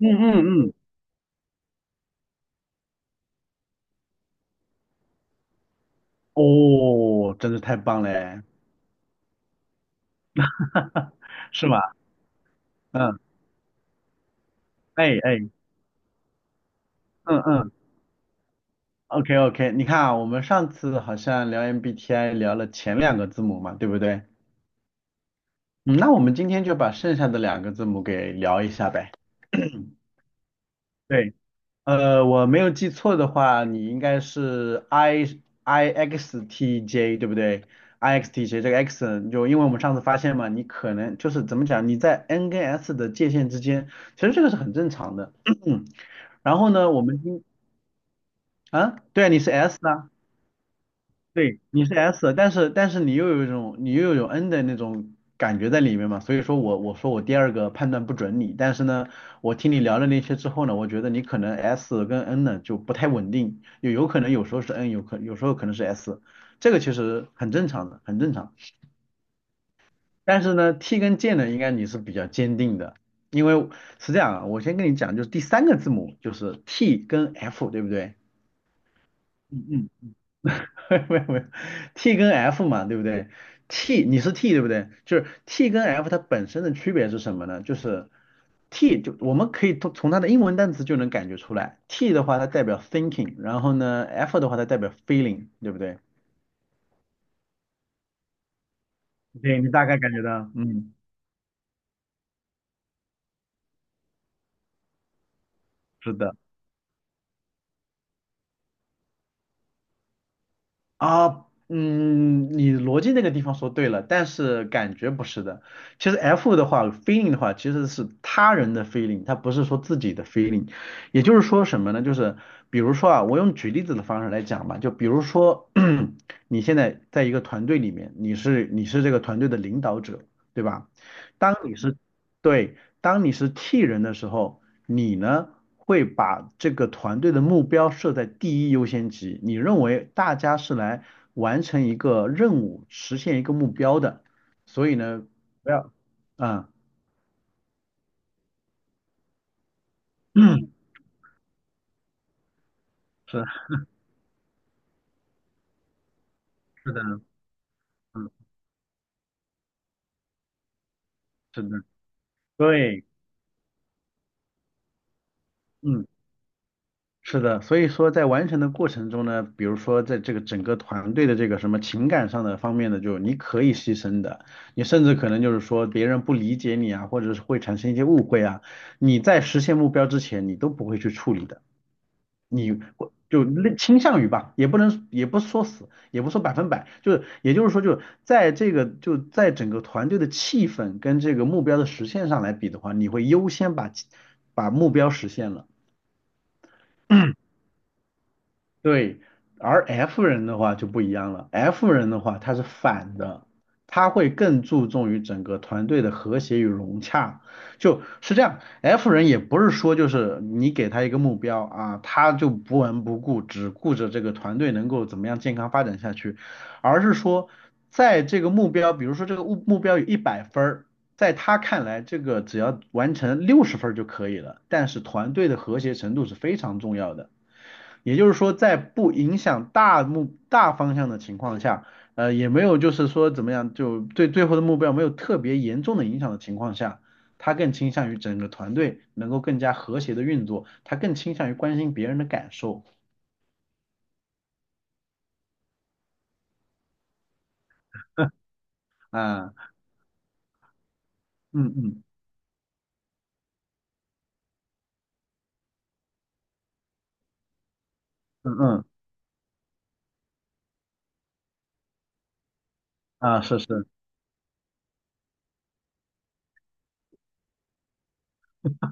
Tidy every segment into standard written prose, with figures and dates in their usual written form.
嗯嗯嗯，哦，真的太棒嘞。是吗？嗯，哎哎，嗯嗯，OK OK，你看啊，我们上次好像聊 MBTI 聊了前两个字母嘛，对不对？嗯，那我们今天就把剩下的两个字母给聊一下呗。对，我没有记错的话，你应该是 I X T J 对不对？I X T J 这个 X 就因为我们上次发现嘛，你可能就是怎么讲，你在 N 跟 S 的界限之间，其实这个是很正常的。然后呢，我们今啊，对啊，你是 S 啊。对，你是 S,但是你又有 N 的那种感觉在里面嘛，所以说我说我第二个判断不准你，但是呢，我听你聊了那些之后呢，我觉得你可能 S 跟 N 呢就不太稳定，有可能有时候是 N,有时候可能是 S,这个其实很正常的，很正常。但是呢，T 跟 J 呢，应该你是比较坚定的，因为是这样啊，我先跟你讲，就是第三个字母就是 T 跟 F,对不对？嗯嗯。没有没有，T 跟 F 嘛，对不对？T 你是 T 对不对？就是 T 跟 F 它本身的区别是什么呢？就是 T 就我们可以从它的英文单词就能感觉出来，T 的话它代表 thinking,然后呢 F 的话它代表 feeling,对不对？对，你大概感觉到，嗯，是的。啊，嗯，你逻辑那个地方说对了，但是感觉不是的。其实 F 的话，feeling 的话，其实是他人的 feeling,它不是说自己的 feeling。也就是说什么呢？就是比如说啊，我用举例子的方式来讲吧，就比如说 你现在在一个团队里面，你是这个团队的领导者，对吧？当你是对，当你是 T 人的时候。你呢会把这个团队的目标设在第一优先级，你认为大家是来完成一个任务、实现一个目标的，所以呢，不要，嗯，是是的，嗯，是的，对，嗯。是的，所以说在完成的过程中呢，比如说在这个整个团队的这个什么情感上的方面的，就你可以牺牲的，你甚至可能就是说别人不理解你啊，或者是会产生一些误会啊，你在实现目标之前，你都不会去处理的，你会就类倾向于吧，也不能也不说死，也不说百分百，就是也就是说就在整个团队的气氛跟这个目标的实现上来比的话，你会优先把目标实现了。对，而 F 人的话就不一样了，F 人的话他是反的，他会更注重于整个团队的和谐与融洽，就是这样。F 人也不是说就是你给他一个目标啊，他就不闻不顾，只顾着这个团队能够怎么样健康发展下去，而是说在这个目标，比如说这个目标有100分儿，在他看来，这个只要完成60分儿就可以了，但是团队的和谐程度是非常重要的。也就是说，在不影响大方向的情况下，也没有就是说怎么样，就对最后的目标没有特别严重的影响的情况下，他更倾向于整个团队能够更加和谐的运作，他更倾向于关心别人的感受啊。嗯嗯嗯嗯啊，是是。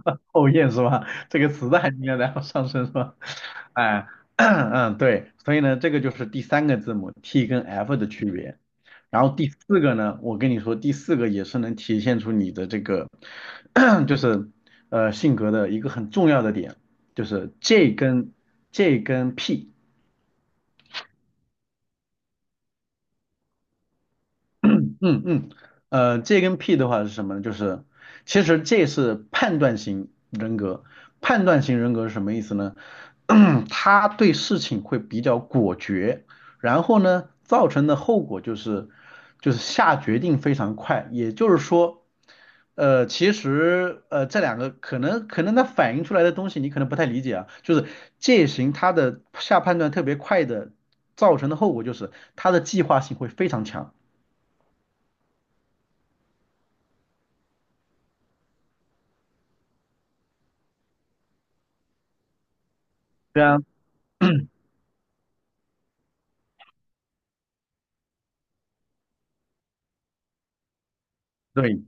后验是吧？这个词的含该然在上升是吧？哎，嗯，对，所以呢，这个就是第三个字母 T 跟 F 的区别。然后第四个呢，我跟你说，第四个也是能体现出你的这个，就是性格的一个很重要的点，就是 J 跟 P。嗯嗯，J 跟 P 的话是什么呢？就是其实 J 是判断型人格，判断型人格是什么意思呢？他对事情会比较果决，然后呢，造成的后果就是下决定非常快，也就是说，其实这两个可能它反映出来的东西你可能不太理解啊，就是 J 型他的下判断特别快的造成的后果就是他的计划性会非常强。对啊。对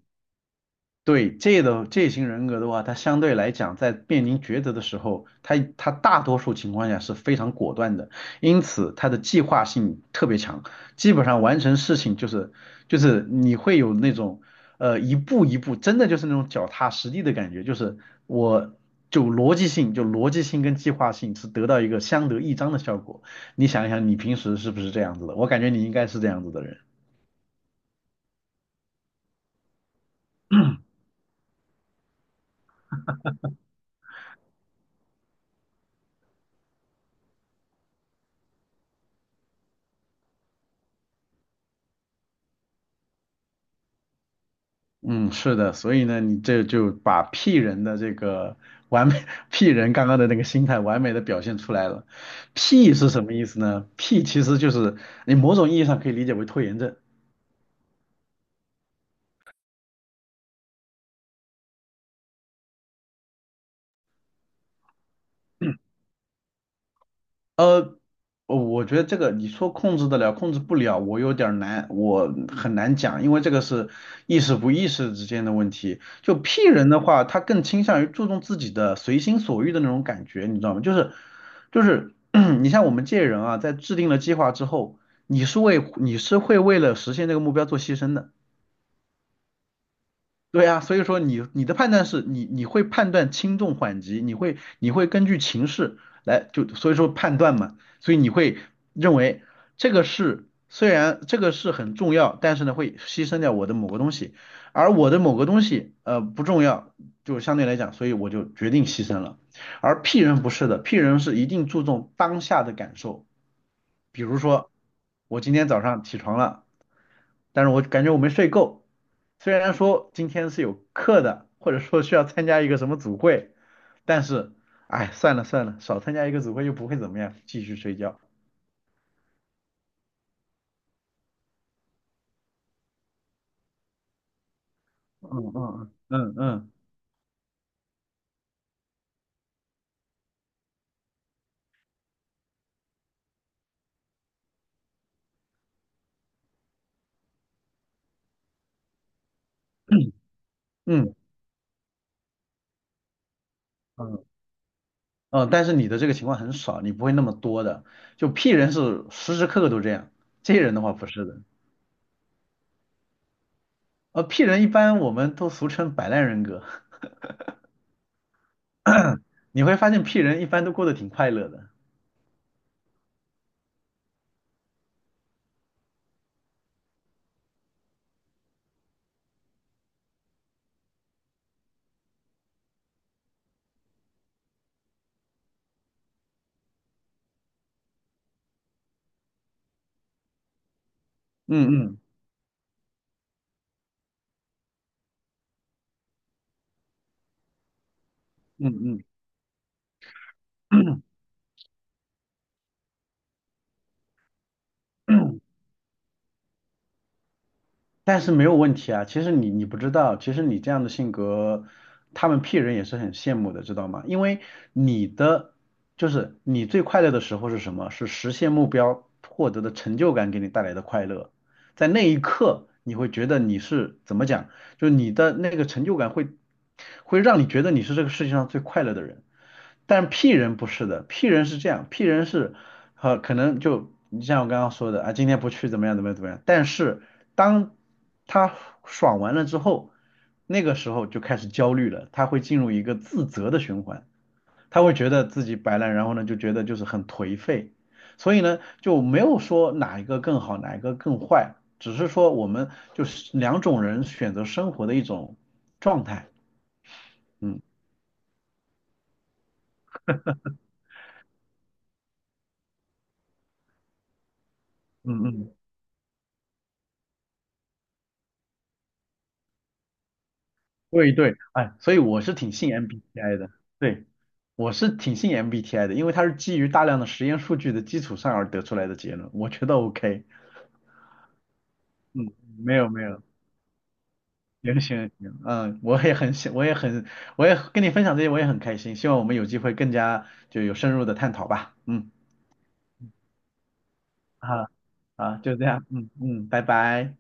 对，这型人格的话，他相对来讲，在面临抉择的时候，他大多数情况下是非常果断的，因此他的计划性特别强，基本上完成事情就是你会有那种一步一步，真的就是那种脚踏实地的感觉，就是我就逻辑性跟计划性是得到一个相得益彰的效果。你想一想，你平时是不是这样子的？我感觉你应该是这样子的人。嗯，是的，所以呢，你这就把 P 人的这个完美 ，P 人刚刚的那个心态完美的表现出来了。P 是什么意思呢？P 其实就是你某种意义上可以理解为拖延症。呃，我觉得这个你说控制得了，控制不了，我有点儿难，我很难讲，因为这个是意识不意识之间的问题。就 P 人的话，他更倾向于注重自己的随心所欲的那种感觉，你知道吗？就是，你像我们这些人啊，在制定了计划之后，你是会为了实现这个目标做牺牲的。对啊，所以说你的判断是你会判断轻重缓急，你会根据情势来就所以说判断嘛，所以你会认为这个事，虽然这个事很重要，但是呢会牺牲掉我的某个东西，而我的某个东西不重要，就相对来讲，所以我就决定牺牲了。而 P 人不是的，P 人是一定注重当下的感受，比如说我今天早上起床了。但是我感觉我没睡够。虽然说今天是有课的，或者说需要参加一个什么组会，但是，哎，算了算了，少参加一个组会又不会怎么样，继续睡觉。嗯嗯嗯嗯嗯嗯嗯，但是你的这个情况很少，你不会那么多的。就 P 人是时时刻刻都这样，J 人的话不是的。P 人一般我们都俗称摆烂人格，你会发现 P 人一般都过得挺快乐的。嗯嗯嗯嗯。但是没有问题啊。其实你不知道，其实你这样的性格，他们 P 人也是很羡慕的，知道吗？因为你的就是你最快乐的时候是什么？是实现目标获得的成就感给你带来的快乐。在那一刻你会觉得你是怎么讲，就是你的那个成就感会让你觉得你是这个世界上最快乐的人。但 P 人不是的，P 人是这样，P 人是，可能就你像我刚刚说的啊，今天不去怎么样怎么样怎么样，但是当他爽完了之后，那个时候就开始焦虑了，他会进入一个自责的循环。他会觉得自己摆烂，然后呢就觉得就是很颓废，所以呢就没有说哪一个更好，哪一个更坏，只是说我们就是两种人选择生活的一种状态。嗯嗯嗯，对对，哎，所以我是挺信 MBTI 的。对，我是挺信 MBTI 的，因为它是基于大量的实验数据的基础上而得出来的结论，我觉得 OK。嗯，没有没有。行行行，嗯，我也很喜，我也很，我也跟你分享这些，我也很开心。希望我们有机会更加就有深入的探讨吧。嗯，啊啊，就这样，嗯嗯，拜拜。